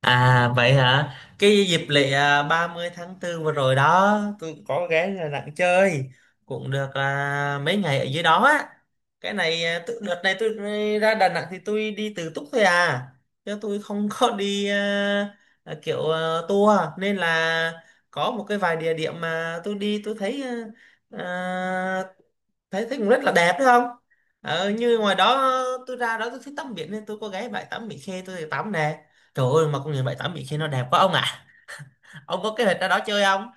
À vậy hả? Cái dịp lễ à, 30 tháng 4 vừa rồi đó, tôi cũng có ghé Đà Nẵng chơi, cũng được à, mấy ngày ở dưới đó á. Cái này à, đợt này tôi ra Đà Nẵng thì tôi đi tự túc thôi à, chứ tôi không có đi à, à, kiểu à, tour nên là có một cái vài địa điểm mà tôi đi tôi thấy à, à, thấy thấy cũng rất là đẹp đúng không, như ngoài đó tôi ra đó tôi thích tắm biển nên tôi có ghé bãi tắm Mỹ Khê tôi thì tắm nè, trời ơi mà công nhận bãi tắm Mỹ Khê nó đẹp quá ông ạ. Ông có kế hoạch ra đó chơi không?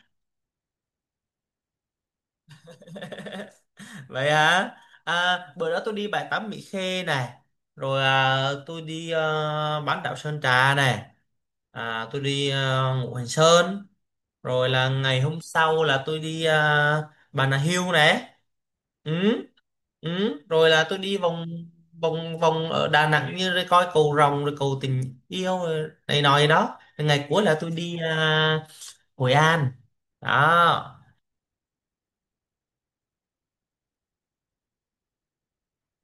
Vậy hả? À, bữa đó tôi đi bãi tắm Mỹ Khê này, rồi à, tôi đi à, bán đảo Sơn Trà này, à, tôi đi à, Ngũ Hành Sơn, rồi là ngày hôm sau là tôi đi à, Bà Nà Hills này. Ừ. Ừ, rồi là tôi đi vòng vòng vòng ở Đà Nẵng như rồi coi cầu Rồng rồi cầu Tình Yêu rồi này nọ gì đó. Rồi ngày cuối là tôi đi à, Hội An đó.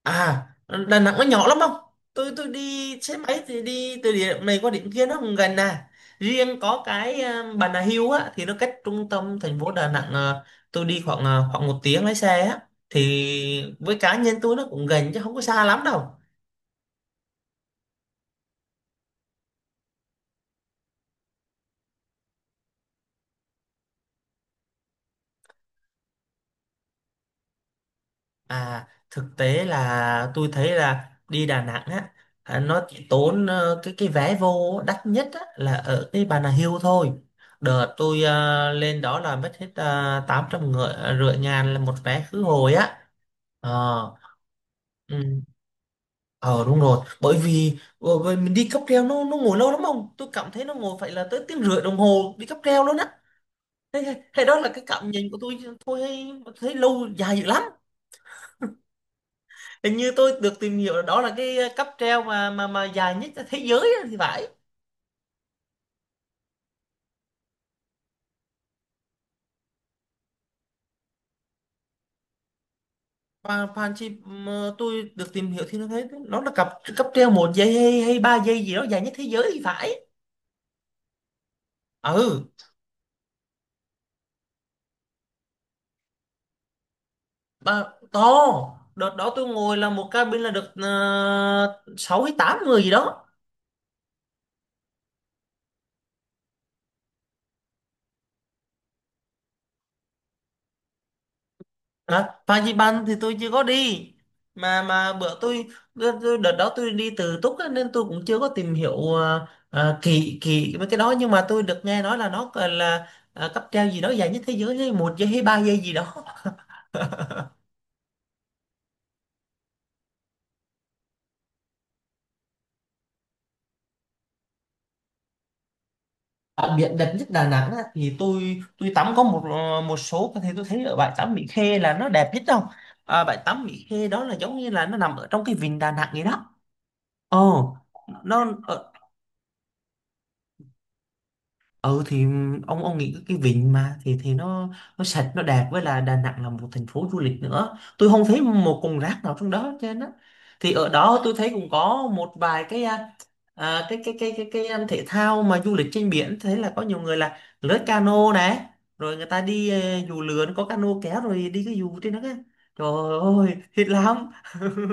À, Đà Nẵng nó nhỏ lắm không, tôi đi xe máy thì đi từ điểm này qua điểm kia nó cũng gần à, riêng có cái à, Bà Nà Hills á thì nó cách trung tâm thành phố Đà Nẵng à, tôi đi khoảng à, khoảng một tiếng lái xe á, thì với cá nhân tôi nó cũng gần chứ không có xa lắm đâu. À, thực tế là tôi thấy là đi Đà Nẵng á, à, nó chỉ tốn cái vé vô đắt nhất á, là ở cái Bà Nà Hills thôi. Đợt tôi lên đó là mất hết 800 ngựa, rưỡi ngàn là một vé khứ hồi á. Ờ. Ừ. Ờ đúng rồi, bởi vì bởi mình đi cáp treo nó ngồi lâu lắm không? Tôi cảm thấy nó ngồi phải là tới tiếng rưỡi đồng hồ đi cáp treo luôn á. Thế, thế đó là cái cảm nhận của tôi thôi, thấy thấy lâu dài dữ lắm. Hình như tôi được tìm hiểu là đó là cái cáp treo mà dài nhất thế giới á thì phải. Và Phan Chi mà tôi được tìm hiểu thì nó thấy nó là cặp cáp treo một giây hay, hay ba giây gì đó dài nhất thế giới thì phải. Ừ, mà to, đợt đó tôi ngồi là một cabin là được 6 hay 8 người gì đó. À, Fansipan thì tôi chưa có đi, mà bữa tôi, đợt đó tôi đi tự túc á, nên tôi cũng chưa có tìm hiểu à, à, kỹ kỹ mấy cái đó, nhưng mà tôi được nghe nói là nó còn là à, cáp treo gì đó dài nhất thế giới hay một giây hay ba giây gì đó. Đặc biệt đẹp nhất Đà Nẵng á, thì tôi tắm có một ờ, một số thì tôi thấy ở bãi tắm Mỹ Khê là nó đẹp nhất đâu. À, bãi tắm Mỹ Khê đó là giống như là nó nằm ở trong cái vịnh Đà Nẵng vậy đó. Ồ, nó, ừ thì ông nghĩ cái vịnh mà thì nó sạch nó đẹp, với là Đà Nẵng là một thành phố du lịch nữa, tôi không thấy một cục rác nào trong đó, trên á. Thì ở đó tôi thấy cũng có một vài cái à, à, cái thể thao mà du lịch trên biển, thấy là có nhiều người là lướt cano này, rồi người ta đi ờ, dù lượn có cano kéo rồi đi cái dù trên đó á. Trời ơi thích lắm.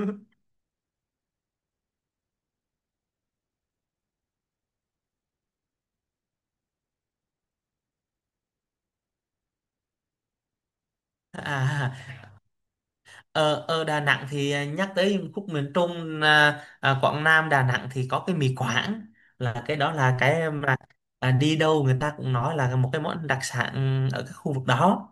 À, ở ở Đà Nẵng thì à, nhắc tới khúc miền Trung à, à, Quảng Nam Đà Nẵng thì có cái mì Quảng, là cái đó là cái mà à, đi đâu người ta cũng nói là một cái món đặc sản ở cái khu vực đó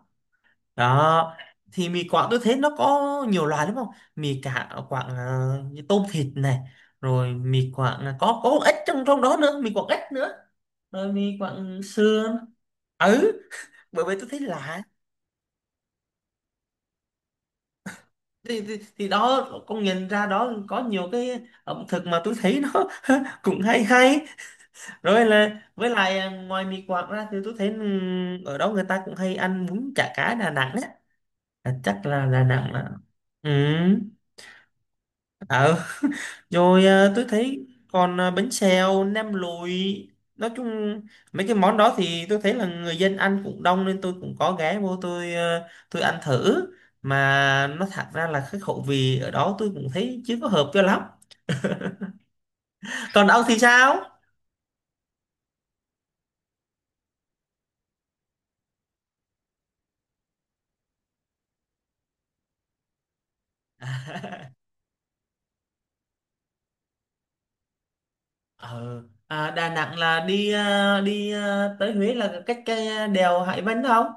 đó. Thì mì Quảng tôi thấy nó có nhiều loại đúng không, mì cả Quảng à, như tôm thịt này, rồi mì Quảng là có ếch trong trong đó nữa, mì Quảng ếch nữa, rồi mì Quảng sườn. Ừ, bởi vì tôi thấy lạ, thì đó con nhìn ra đó có nhiều cái ẩm thực mà tôi thấy nó cũng hay hay. Rồi là với lại à, ngoài mì Quảng ra thì tôi thấy ở đó người ta cũng hay ăn bún chả cá Đà Nẵng á. À, chắc là Đà Nẵng là, ừ, ờ, rồi à, tôi thấy còn à, bánh xèo nem lụi, nói chung mấy cái món đó thì tôi thấy là người dân ăn cũng đông nên tôi cũng có ghé vô tôi à, tôi ăn thử, mà nó thật ra là cái khẩu vị ở đó tôi cũng thấy chưa có hợp cho lắm. Còn ông thì sao? Ờ à, Đà Nẵng là đi à, đi à, tới Huế là cách cái đèo Hải Vân đúng không.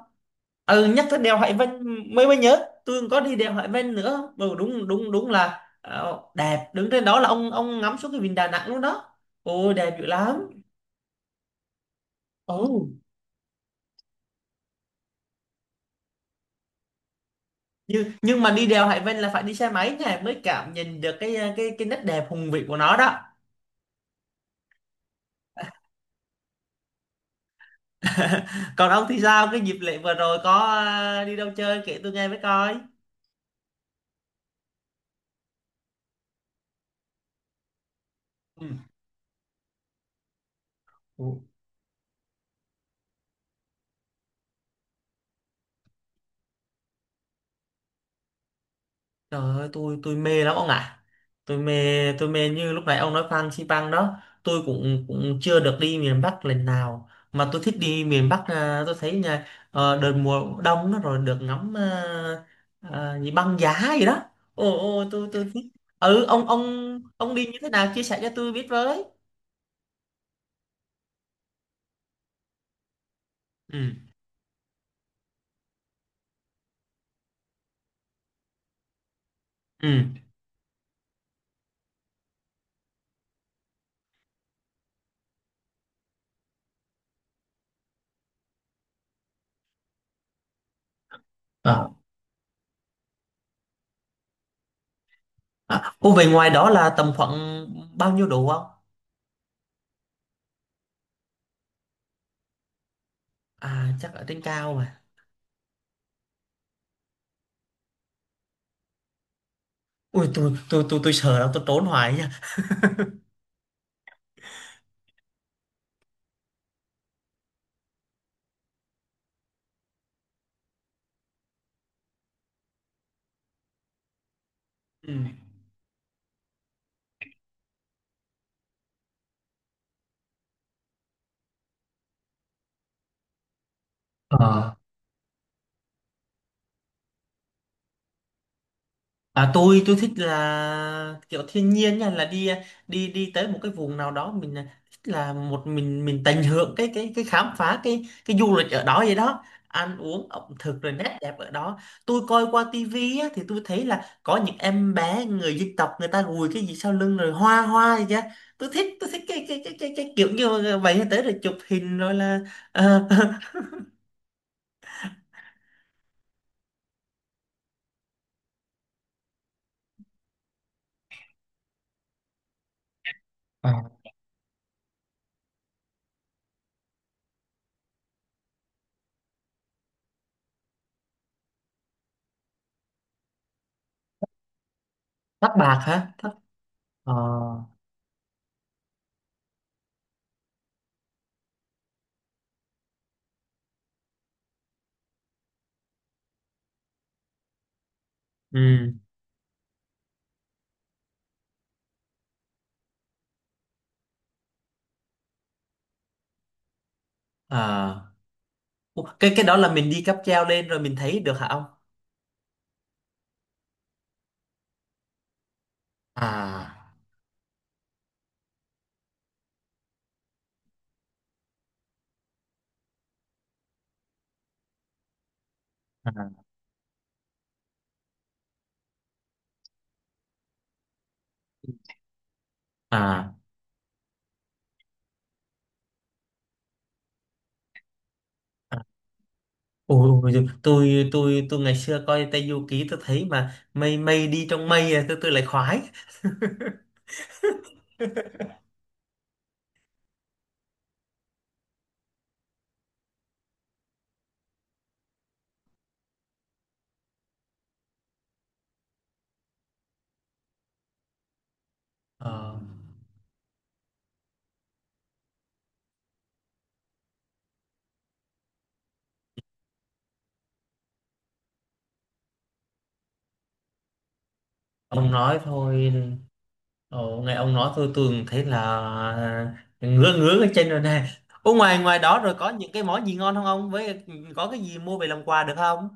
Ừ, nhắc tới đèo Hải Vân mới mới nhớ, tôi còn có đi đèo Hải Vân nữa, ừ, đúng đúng đúng là ờ, đẹp, đứng trên đó là ông ngắm xuống cái vịnh Đà Nẵng luôn đó, ôi đẹp dữ lắm. Ồ, nhưng mà đi đèo Hải Vân là phải đi xe máy nha, mới cảm nhận được cái à, cái nét đẹp hùng vĩ của nó đó. Còn ông thì sao, cái dịp lễ vừa rồi có à, đi đâu chơi kể tôi nghe với coi. Ừ. Trời ơi, tôi mê lắm ông ạ. Tôi mê, như lúc nãy ông nói Phan Xipang đó, tôi cũng cũng chưa được đi miền Bắc lần nào, mà tôi thích đi miền Bắc à, tôi thấy nha, ờ, đợt mùa đông nó rồi được ngắm à, à, gì băng giá gì đó. Ồ ồ, tôi thích. Ừ, ông đi như thế nào chia sẻ cho tôi biết với. Ừ ừ. À, à, ô, về ngoài đó là tầm khoảng bao nhiêu độ không? À chắc ở trên cao mà. Ui, tôi sợ lắm, tôi trốn hoài nha. Ừ. Ờ. À, tôi thích là kiểu thiên nhiên nha, là đi đi đi tới một cái vùng nào đó mình à, thích là một mình tận hưởng cái cái khám phá cái du lịch ở đó vậy đó, ăn uống ẩm thực rồi nét đẹp ở đó. Tôi coi qua tivi á, thì tôi thấy là có những em bé người dân tộc người ta gùi cái gì sau lưng rồi hoa hoa gì chứ, tôi thích cái cái, cái kiểu như vậy, tới rồi chụp hình rồi là ờ. Ờ, tóc bạc hả, tóc, ờ, ừ, ờ. Ủa, cái đó là mình đi cáp treo lên rồi mình thấy được hả ông? À à à à. Ôi ôi, giời, tôi ngày xưa coi Tây Du Ký tôi thấy mà mây mây đi trong mây à, tôi lại khoái. Ờ, ông nói thôi, ồ, nghe ông nói thôi tôi cũng thấy là ngứa ngứa cái chân rồi nè. Ủa, ngoài ngoài đó rồi có những cái món gì ngon không ông, với có cái gì mua về làm quà được không?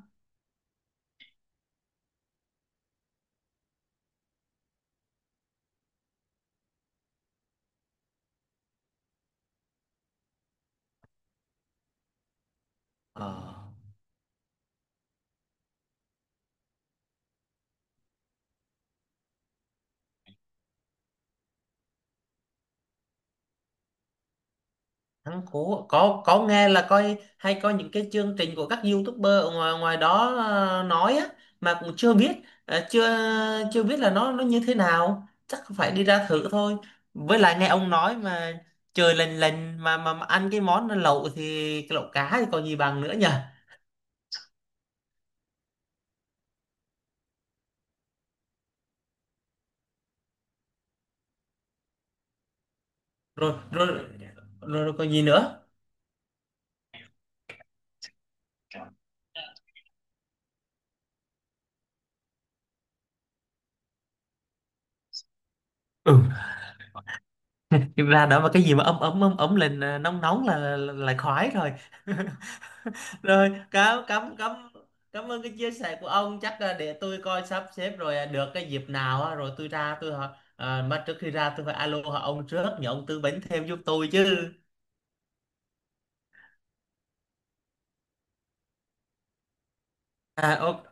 Ờ. Ăn Cú có nghe, là coi hay coi những cái chương trình của các YouTuber ở ngoài ngoài đó ờ, nói á, mà cũng chưa biết, ờ, chưa chưa biết là nó như thế nào, chắc phải đi ra thử thôi. Với lại nghe ông nói mà trời lành lành, mà ăn cái món lẩu thì cái lẩu cá thì còn gì bằng nữa nhỉ. Rồi rồi rồi, rồi còn gì nữa. Ừ. Ra đó mà cái gì mà ấm ấm ấm ấm lên, ờ, nóng nóng là, là khoái rồi. Rồi, cảm cảm ơn cái chia sẻ của ông. Chắc là để tôi coi sắp xếp, rồi à, được cái dịp nào á, rồi tôi ra tôi hỏi à, mà trước khi ra tôi phải alo hỏi ông trước nhờ ông tư vấn thêm giúp tôi chứ. À ok.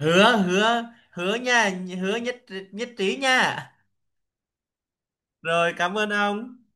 Hứa hứa hứa nha, hứa nhất nhất trí nha. Rồi cảm ơn ông.